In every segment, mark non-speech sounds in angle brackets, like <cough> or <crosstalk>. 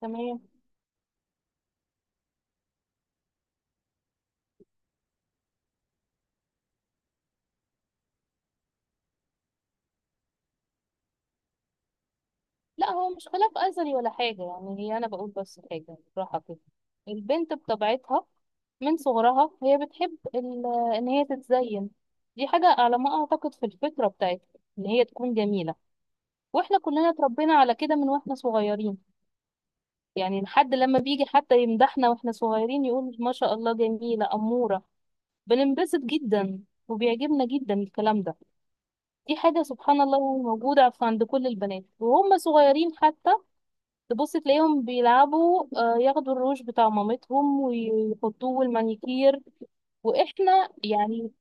تمام. لا، هو مش خلاف أزلي ولا حاجة، يعني هي أنا بقول بس حاجة بالراحة كده. البنت بطبيعتها من صغرها هي بتحب إن هي تتزين. دي حاجة على ما أعتقد في الفطرة بتاعتها، إن هي تكون جميلة. وإحنا كلنا اتربينا على كده من وإحنا صغيرين، يعني لحد لما بيجي حتى يمدحنا وإحنا صغيرين يقول ما شاء الله جميلة أمورة، بننبسط جدا وبيعجبنا جدا الكلام ده. دي حاجة سبحان الله يعني موجودة عند كل البنات وهم صغيرين حتى. تبص تلاقيهم بيلعبوا، ياخدوا الروج بتاع مامتهم ويحطوه والمانيكير. واحنا يعني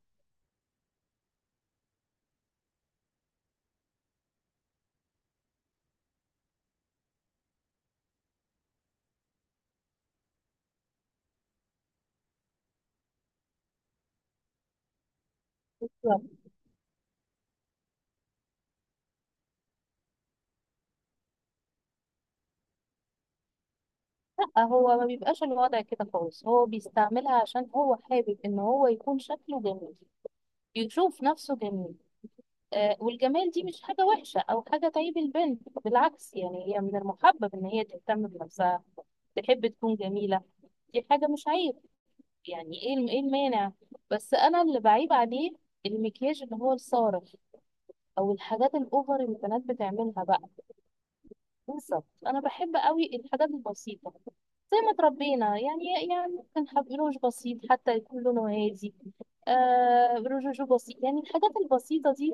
لا، هو ما بيبقاش الوضع كده خالص، هو بيستعملها عشان هو حابب ان هو يكون شكله جميل، يشوف نفسه جميل. آه، والجمال دي مش حاجة وحشة او حاجة تعيب البنت، بالعكس يعني هي من المحبب ان هي تهتم بنفسها، تحب تكون جميلة. دي حاجة مش عيب. يعني ايه ايه المانع؟ بس انا اللي بعيب عليه المكياج اللي هو الصارخ، او الحاجات الاوفر اللي البنات بتعملها بقى. بالظبط، انا بحب قوي الحاجات البسيطه زي ما اتربينا يعني. يعني ممكن حب روج بسيط حتى يكون لونه هادي، آه روج بسيط، يعني الحاجات البسيطه دي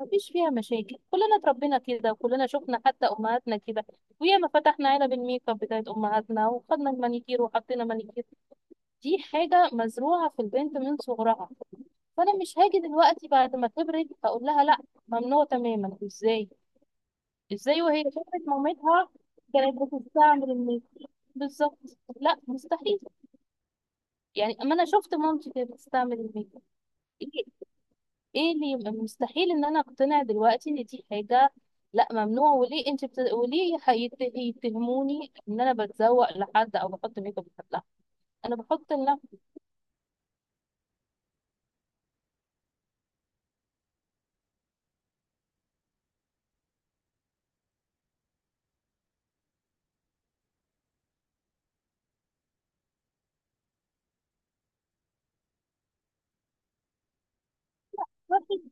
مفيش فيها مشاكل. كلنا اتربينا كده وكلنا شفنا حتى امهاتنا كده، وياما فتحنا علب الميك اب بتاعت امهاتنا وخدنا المانيكير وحطينا مانيكير. دي حاجه مزروعه في البنت من صغرها، فانا مش هاجي دلوقتي بعد ما كبرت هقول لها لا، ممنوع تماما، ازاي؟ ازاي وهي شافت مامتها كانت بتستعمل الميك اب؟ بالظبط، لا مستحيل. يعني اما انا شفت مامتي كانت بتستعمل الميك اب، ايه؟ ايه اللي يبقى مستحيل ان انا اقتنع دلوقتي ان دي حاجه لا ممنوع؟ وليه انت وليه يتهموني ان انا بتزوق لحد او بحط ميك اب لحد؟ لا، انا بحط لنفسي.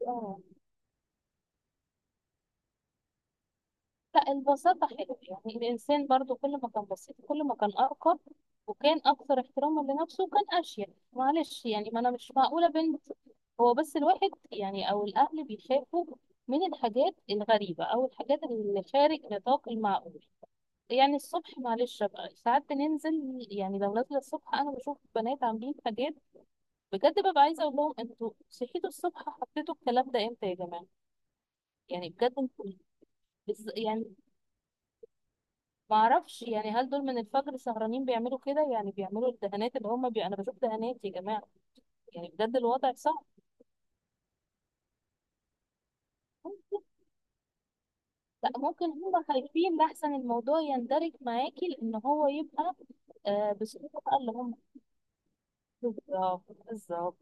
اه، لا البساطة حلوة، يعني الإنسان برضو كل ما كان بسيط كل ما كان أرقى، وكان أكثر احتراما لنفسه وكان أشيك. معلش يعني، ما أنا مش معقولة بنت. هو بس الواحد يعني أو الأهل بيخافوا من الحاجات الغريبة أو الحاجات اللي خارج نطاق المعقول. يعني الصبح معلش بقى، ساعات بننزل يعني لو نازلة الصبح، أنا بشوف بنات عاملين حاجات بجد ببقى عايزة أقول لهم أنتوا صحيتوا الصبح حطيتوا الكلام ده إمتى يا جماعة؟ يعني بجد أنتوا، يعني ما اعرفش، يعني هل دول من الفجر سهرانين بيعملوا كده؟ يعني بيعملوا الدهانات اللي هم انا بشوف دهانات يا جماعه. يعني بجد الوضع صعب. لا، ممكن هم خايفين لحسن الموضوع يندرج معاكي، لان هو يبقى آه بصورة بقى اللي هم، بالظبط بالظبط.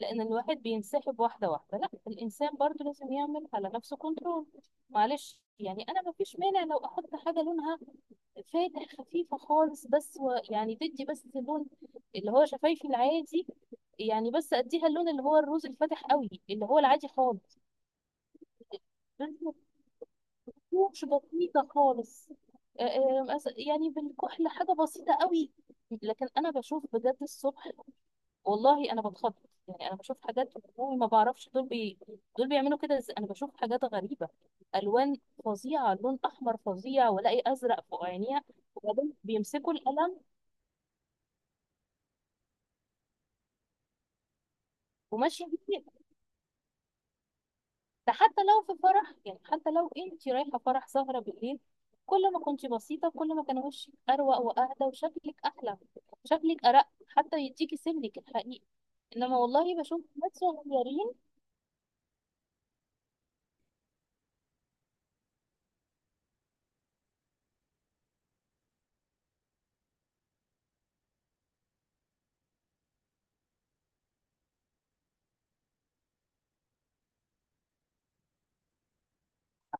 لان الواحد بينسحب واحده واحده، لا الانسان برضو لازم يعمل على نفسه كنترول. معلش يعني، انا ما فيش مانع لو احط حاجه لونها فاتح خفيفه خالص بس يعني تدي بس اللون اللي هو شفايفي العادي، يعني بس اديها اللون اللي هو الروز الفاتح قوي اللي هو العادي خالص. لازم تكونش بسيطه خالص. يعني بالكحل حاجه بسيطه قوي. لكن انا بشوف بجد الصبح، والله انا بتخض، يعني انا بشوف حاجات والله ما بعرفش دول دول بيعملوا كده ازاي. انا بشوف حاجات غريبه، الوان فظيعه، لون احمر فظيع والاقي ازرق فوق عينيها، وبعدين بيمسكوا القلم وماشي بيه. ده حتى لو في فرح، يعني حتى لو انت رايحة فرح سهرة بالليل، كل ما كنت بسيطة كل ما كان وشك أروق وأهدى وشكلك أحلى، شكلك أرق، حتى يديكي سمنك الحقيقي. إنما والله بشوف ناس صغيرين.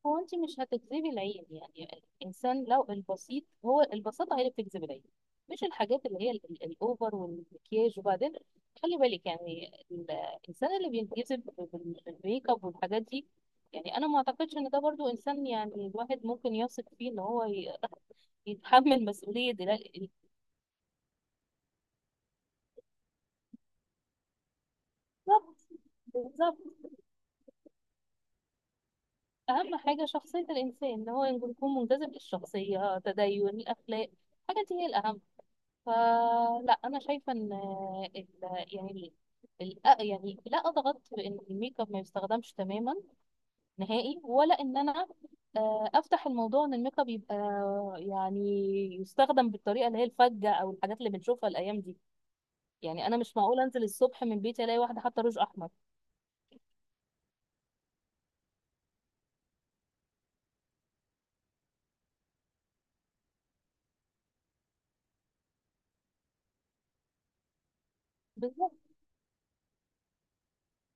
هو انت مش هتجذبي العين، يعني الانسان لو البسيط، هو البساطه هي اللي بتجذب العين، مش الحاجات اللي هي الاوفر والمكياج. وبعدين خلي بالك يعني الانسان اللي بينجذب بالميك اب والحاجات دي، يعني انا ما اعتقدش ان ده برضو انسان يعني الواحد ممكن يثق فيه ان هو يتحمل مسؤوليه دلوقتي. بالظبط، بالظبط. اهم حاجه شخصيه الانسان ان هو يكون منجذب للشخصيه، تدين، الاخلاق، الحاجات دي هي الاهم. فلا انا شايفه ان يعني يعني لا اضغط بان الميك اب ما يستخدمش تماما نهائي، ولا ان انا افتح الموضوع ان الميك اب يبقى يعني يستخدم بالطريقه اللي هي الفجه او الحاجات اللي بنشوفها الايام دي. يعني انا مش معقول انزل الصبح من بيتي الاقي واحده حاطه روج احمر. بالظبط.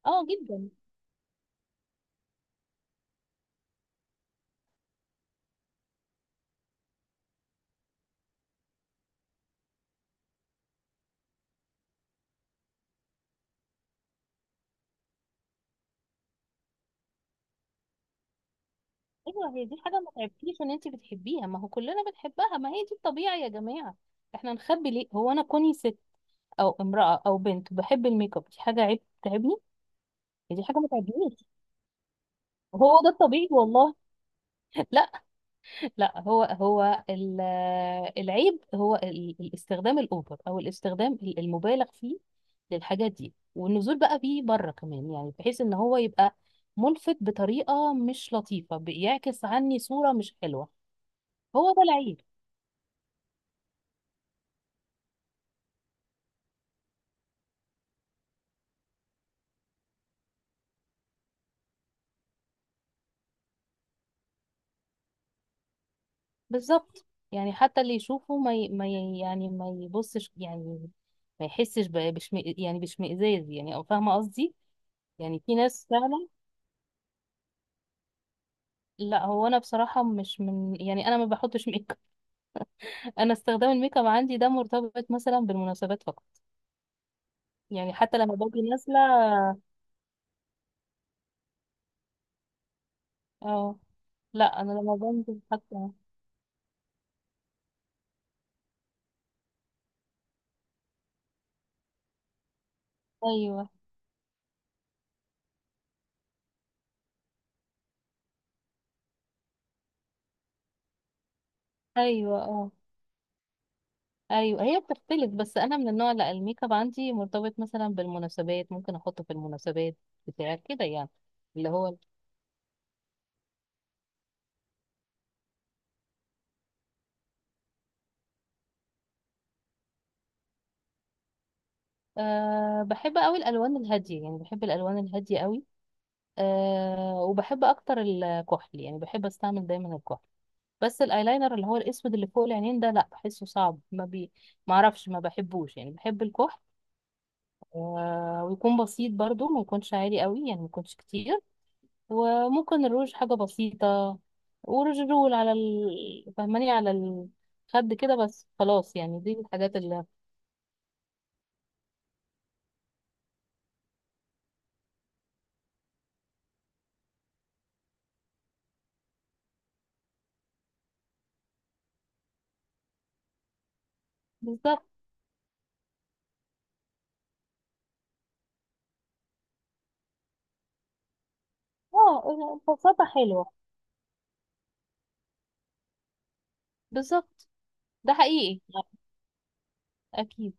اه جدا. ايوه، هي دي حاجه ما تعبتيش ان انت بتحبيها، ما هو كلنا بنحبها، ما هي دي الطبيعي يا جماعه. احنا نخبي ليه؟ هو انا كوني ست او امرأة او بنت بحب الميك اب دي حاجة عيب تعبني؟ يعني دي حاجة ما تعبنيش، هو ده الطبيعي والله. لا. لا هو هو العيب هو الاستخدام الاوفر او الاستخدام المبالغ فيه للحاجات دي، والنزول بقى بيه بره كمان، يعني بحيث ان هو يبقى ملفت بطريقة مش لطيفة، بيعكس عني صورة مش حلوة. هو ده العيب. بالظبط، يعني حتى اللي يشوفه ما ي... ما ي... يعني ما يبصش، يعني ما يحسش يعني باشمئزاز، يعني او فاهمه قصدي. يعني في ناس فعلا. لا، هو انا بصراحه مش من، يعني انا ما بحطش ميك اب <laughs> انا استخدام الميك اب عندي ده مرتبط مثلا بالمناسبات فقط. يعني حتى لما باجي نازله، اه لا انا لما بنزل حتى، ايوه، ايوه، اه. ايوه، هي بتختلف، بس انا من النوع، لا الميك اب عندي مرتبط مثلا بالمناسبات، ممكن احطه في المناسبات بتاع كده يعني، اللي هو، أه بحب قوي الالوان الهاديه، يعني بحب الالوان الهاديه قوي. أه وبحب اكتر الكحل، يعني بحب استعمل دايما الكحل، بس الايلاينر اللي هو الاسود اللي فوق العينين ده لا، بحسه صعب، ما اعرفش، ما بحبوش، يعني بحب الكحل. أه ويكون بسيط برضو، ما يكونش عالي قوي، يعني ما يكونش كتير. وممكن الروج حاجة بسيطة، وروج رول على فهماني، على الخد كده بس خلاص، يعني دي الحاجات اللي، بالظبط، اه بساطة حلوة. بالظبط، ده حقيقي، أكيد.